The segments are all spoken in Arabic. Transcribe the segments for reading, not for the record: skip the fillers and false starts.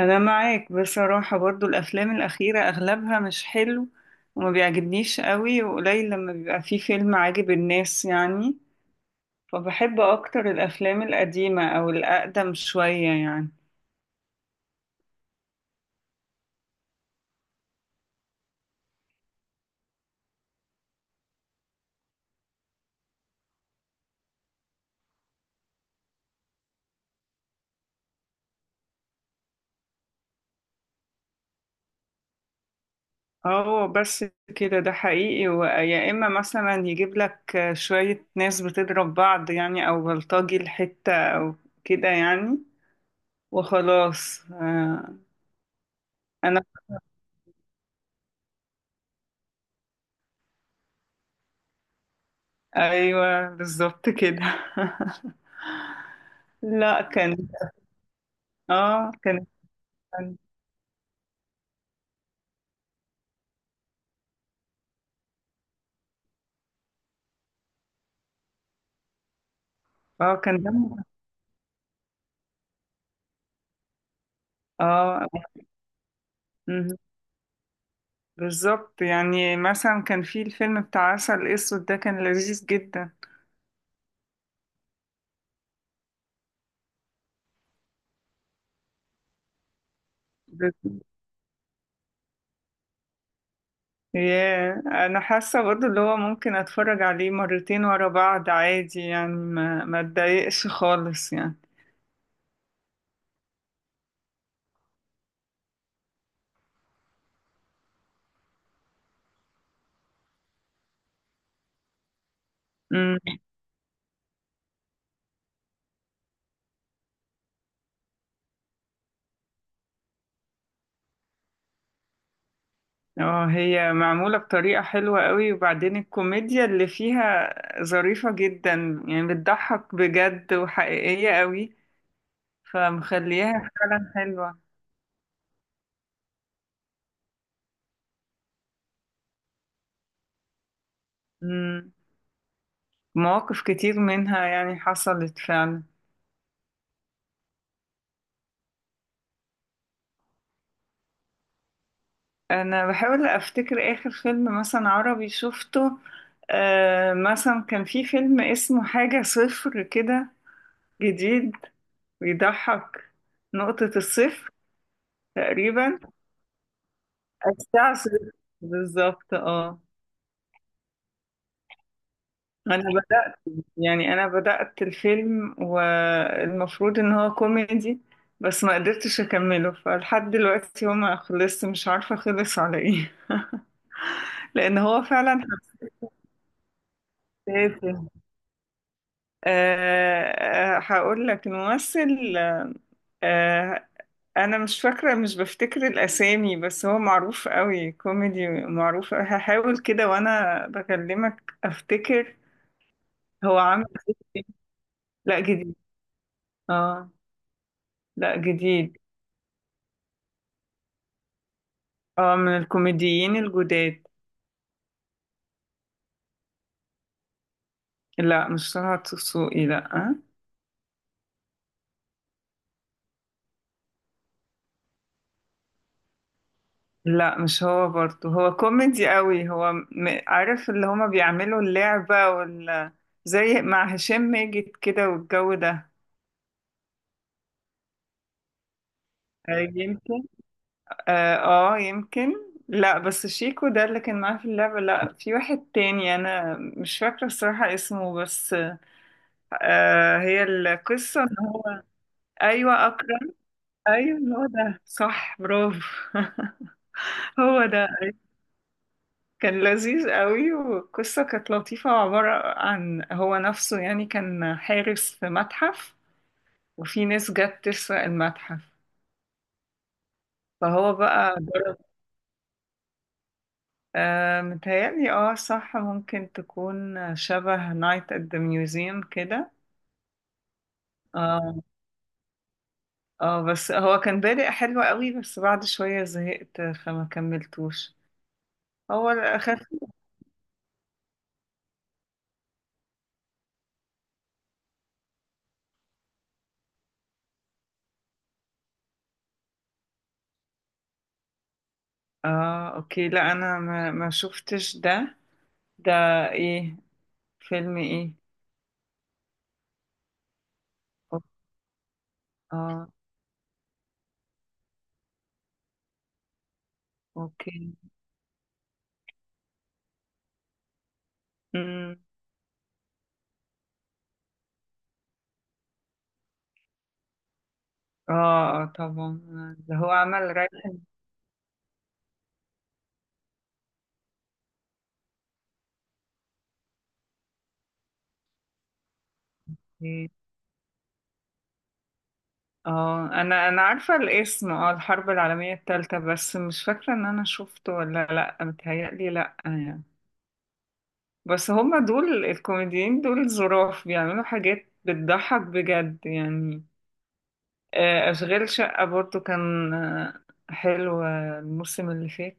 انا معاك بصراحة برضو الافلام الاخيرة اغلبها مش حلو وما بيعجبنيش قوي، وقليل لما بيبقى فيه فيلم عاجب الناس يعني. فبحب اكتر الافلام القديمة او الاقدم شوية يعني. اه بس كده، ده حقيقي، ويا اما مثلا يجيب لك شوية ناس بتضرب بعض يعني، او بلطجي الحتة او كده يعني. وخلاص انا، ايوه بالظبط كده. لا كان، اه كان اه كان دمه اه مهم. بالظبط يعني، مثلا كان في الفيلم بتاع عسل اسود ده، كان لذيذ جدا. بس- ياه انا حاسه برضه اللي هو ممكن اتفرج عليه مرتين ورا بعض عادي يعني، ما اتضايقش خالص يعني. امم اه هي معموله بطريقه حلوه قوي، وبعدين الكوميديا اللي فيها ظريفه جدا يعني، بتضحك بجد وحقيقيه قوي، فمخليها فعلا حلوه. مواقف كتير منها يعني حصلت فعلا. انا بحاول افتكر اخر فيلم مثلا عربي شفته، آه مثلا كان في فيلم اسمه حاجة صفر كده، جديد، بيضحك. نقطة الصفر تقريبا، الساعة صفر بالظبط، اه. انا بدأت، يعني انا بدأت الفيلم والمفروض ان هو كوميدي، بس ما قدرتش اكمله، فلحد دلوقتي هو ما خلصت مش عارفة خلص على ايه. لان هو فعلا تافه. أه. آه، هقول لك الممثل. أه انا مش فاكره، مش بفتكر الاسامي، بس هو معروف قوي، كوميدي معروف، هحاول كده وانا بكلمك افتكر. هو عامل إيه. لا جديد، اه لا جديد. اه من الكوميديين الجداد. لا مش طه دسوقي، لا آه. لا مش هو برضه، هو كوميدي قوي، عارف اللي هما بيعملوا اللعبة زي مع هشام ماجد كده والجو ده. آه، يمكن، اه آه، يمكن. لا بس شيكو ده اللي كان معاه في اللعبة، لا في واحد تاني انا مش فاكرة الصراحة اسمه، بس آه هي القصة ان هو، ايوه اكرم، ايوه هو ده صح برافو. هو ده كان لذيذ قوي، والقصة كانت لطيفة وعبارة عن هو نفسه يعني، كان حارس في متحف وفي ناس جت تسرق المتحف، فهو بقى جرب. آه متهيألي اه صح، ممكن تكون شبه نايت ات ذا ميوزيوم كده. اه، اه بس هو كان بادئ حلو قوي، بس بعد شوية زهقت فما كملتوش، هو الأخف. اه اوكي، لا انا ما شفتش ده. ده ايه؟ فيلم ايه؟ أو- اه اوكي. مم. اه، اه طبعا، اللي هو عمل رايحن. دي. اه انا انا عارفه الاسم، اه الحرب العالميه الثالثه، بس مش فاكره ان انا شفته ولا لا، متهيألي لا يعني. بس هما دول الكوميديين دول ظراف، بيعملوا حاجات بتضحك بجد يعني. آه، اشغال شقه برضو كان آه، حلو، آه، الموسم اللي فات.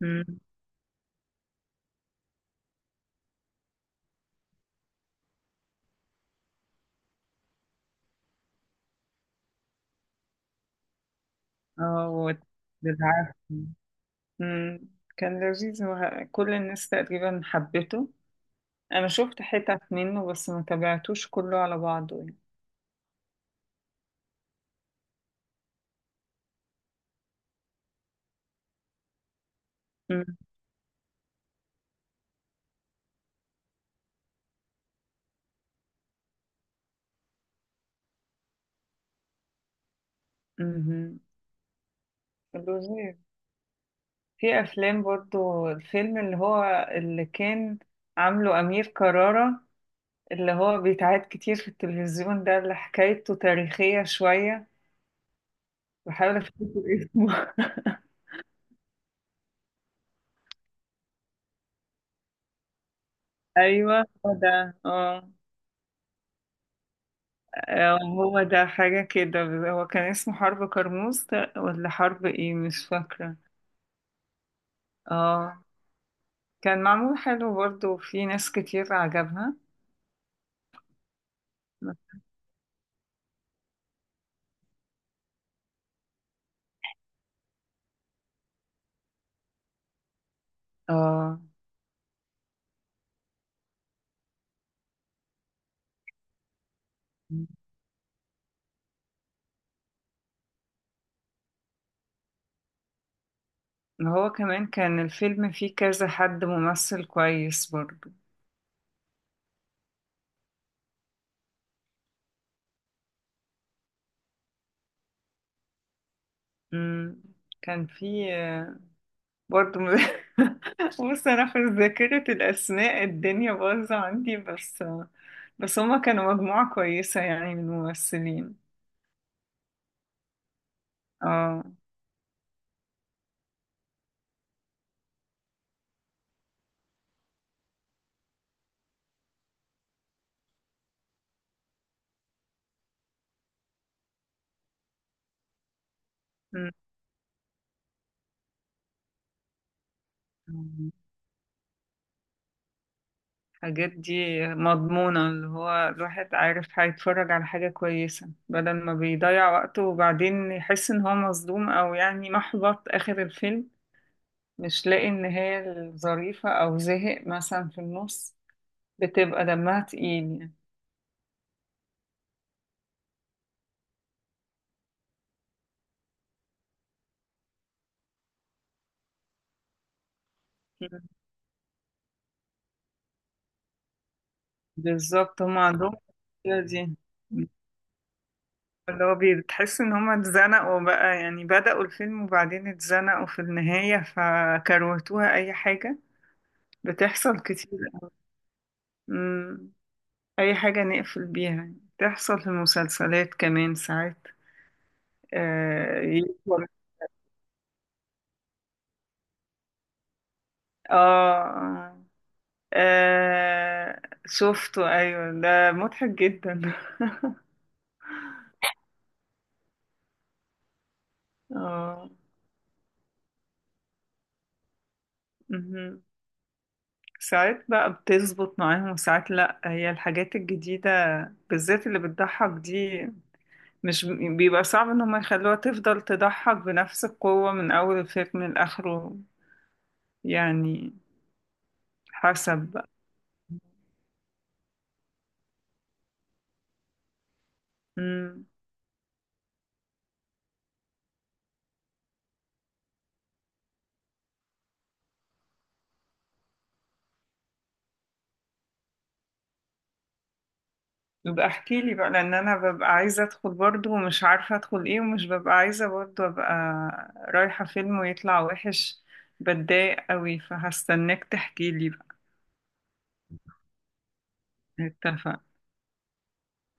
مم. اه وت- بالعافية. مم. كان لذيذ كل الناس تقريبا حبته، انا شفت حتت منه بس ما تابعتوش كله على بعضه يعني. أم- أمم. الوزير، في افلام برضو، الفيلم اللي هو اللي كان عامله امير كرارة، اللي هو بيتعاد كتير في التلفزيون ده، اللي حكايته تاريخية شوية، بحاول افتكر اسمه. ايوه هو ده اه. آه، هو ده حاجة كده، هو كان اسمه حرب كرموز ده ولا حرب ايه مش فاكرة. اه. كان معمول حلو برضو، في ناس كتير عجبها. اه هو كمان كان الفيلم فيه كذا حد ممثل كويس برضو. مم. كان فيه آه، برضو بص انا في ذاكرة الاسماء الدنيا باظة عندي، بس آه، بس هما كانوا مجموعة كويسة يعني من الممثلين. اه. مم. الحاجات دي مضمونة، اللي هو الواحد عارف هيتفرج على حاجة كويسة بدل ما بيضيع وقته وبعدين يحس ان هو مصدوم، او يعني محبط اخر الفيلم، مش لاقي ان هي الظريفة، او زهق مثلا في النص، بتبقى دمها تقيل يعني. مم. بالظبط هم عندهم المشكلة دي. مم. بتحس ان هم اتزنقوا بقى يعني، بدأوا الفيلم وبعدين اتزنقوا في النهاية فكروتوها اي حاجة، بتحصل كتير. مم. اي حاجة نقفل بيها يعني، بتحصل في المسلسلات كمان ساعات. اه, يقفل- آه. آه. آه شفته أيوة، ده مضحك جدا. اه مهم. ساعات بقى بتظبط معاهم وساعات لأ، هي الحاجات الجديدة بالذات اللي بتضحك دي، مش بيبقى صعب إن هم يخلوها تفضل تضحك بنفس القوة من أول الفيلم لآخره يعني، حسب بقى. يبقى احكي لي بقى، لان انا ببقى عايزه ادخل برضو ومش عارفه ادخل ايه، ومش ببقى عايزه برضو ابقى رايحه فيلم ويطلع وحش، بتضايق قوي، فهستناك تحكي لي بقى. اتفقنا.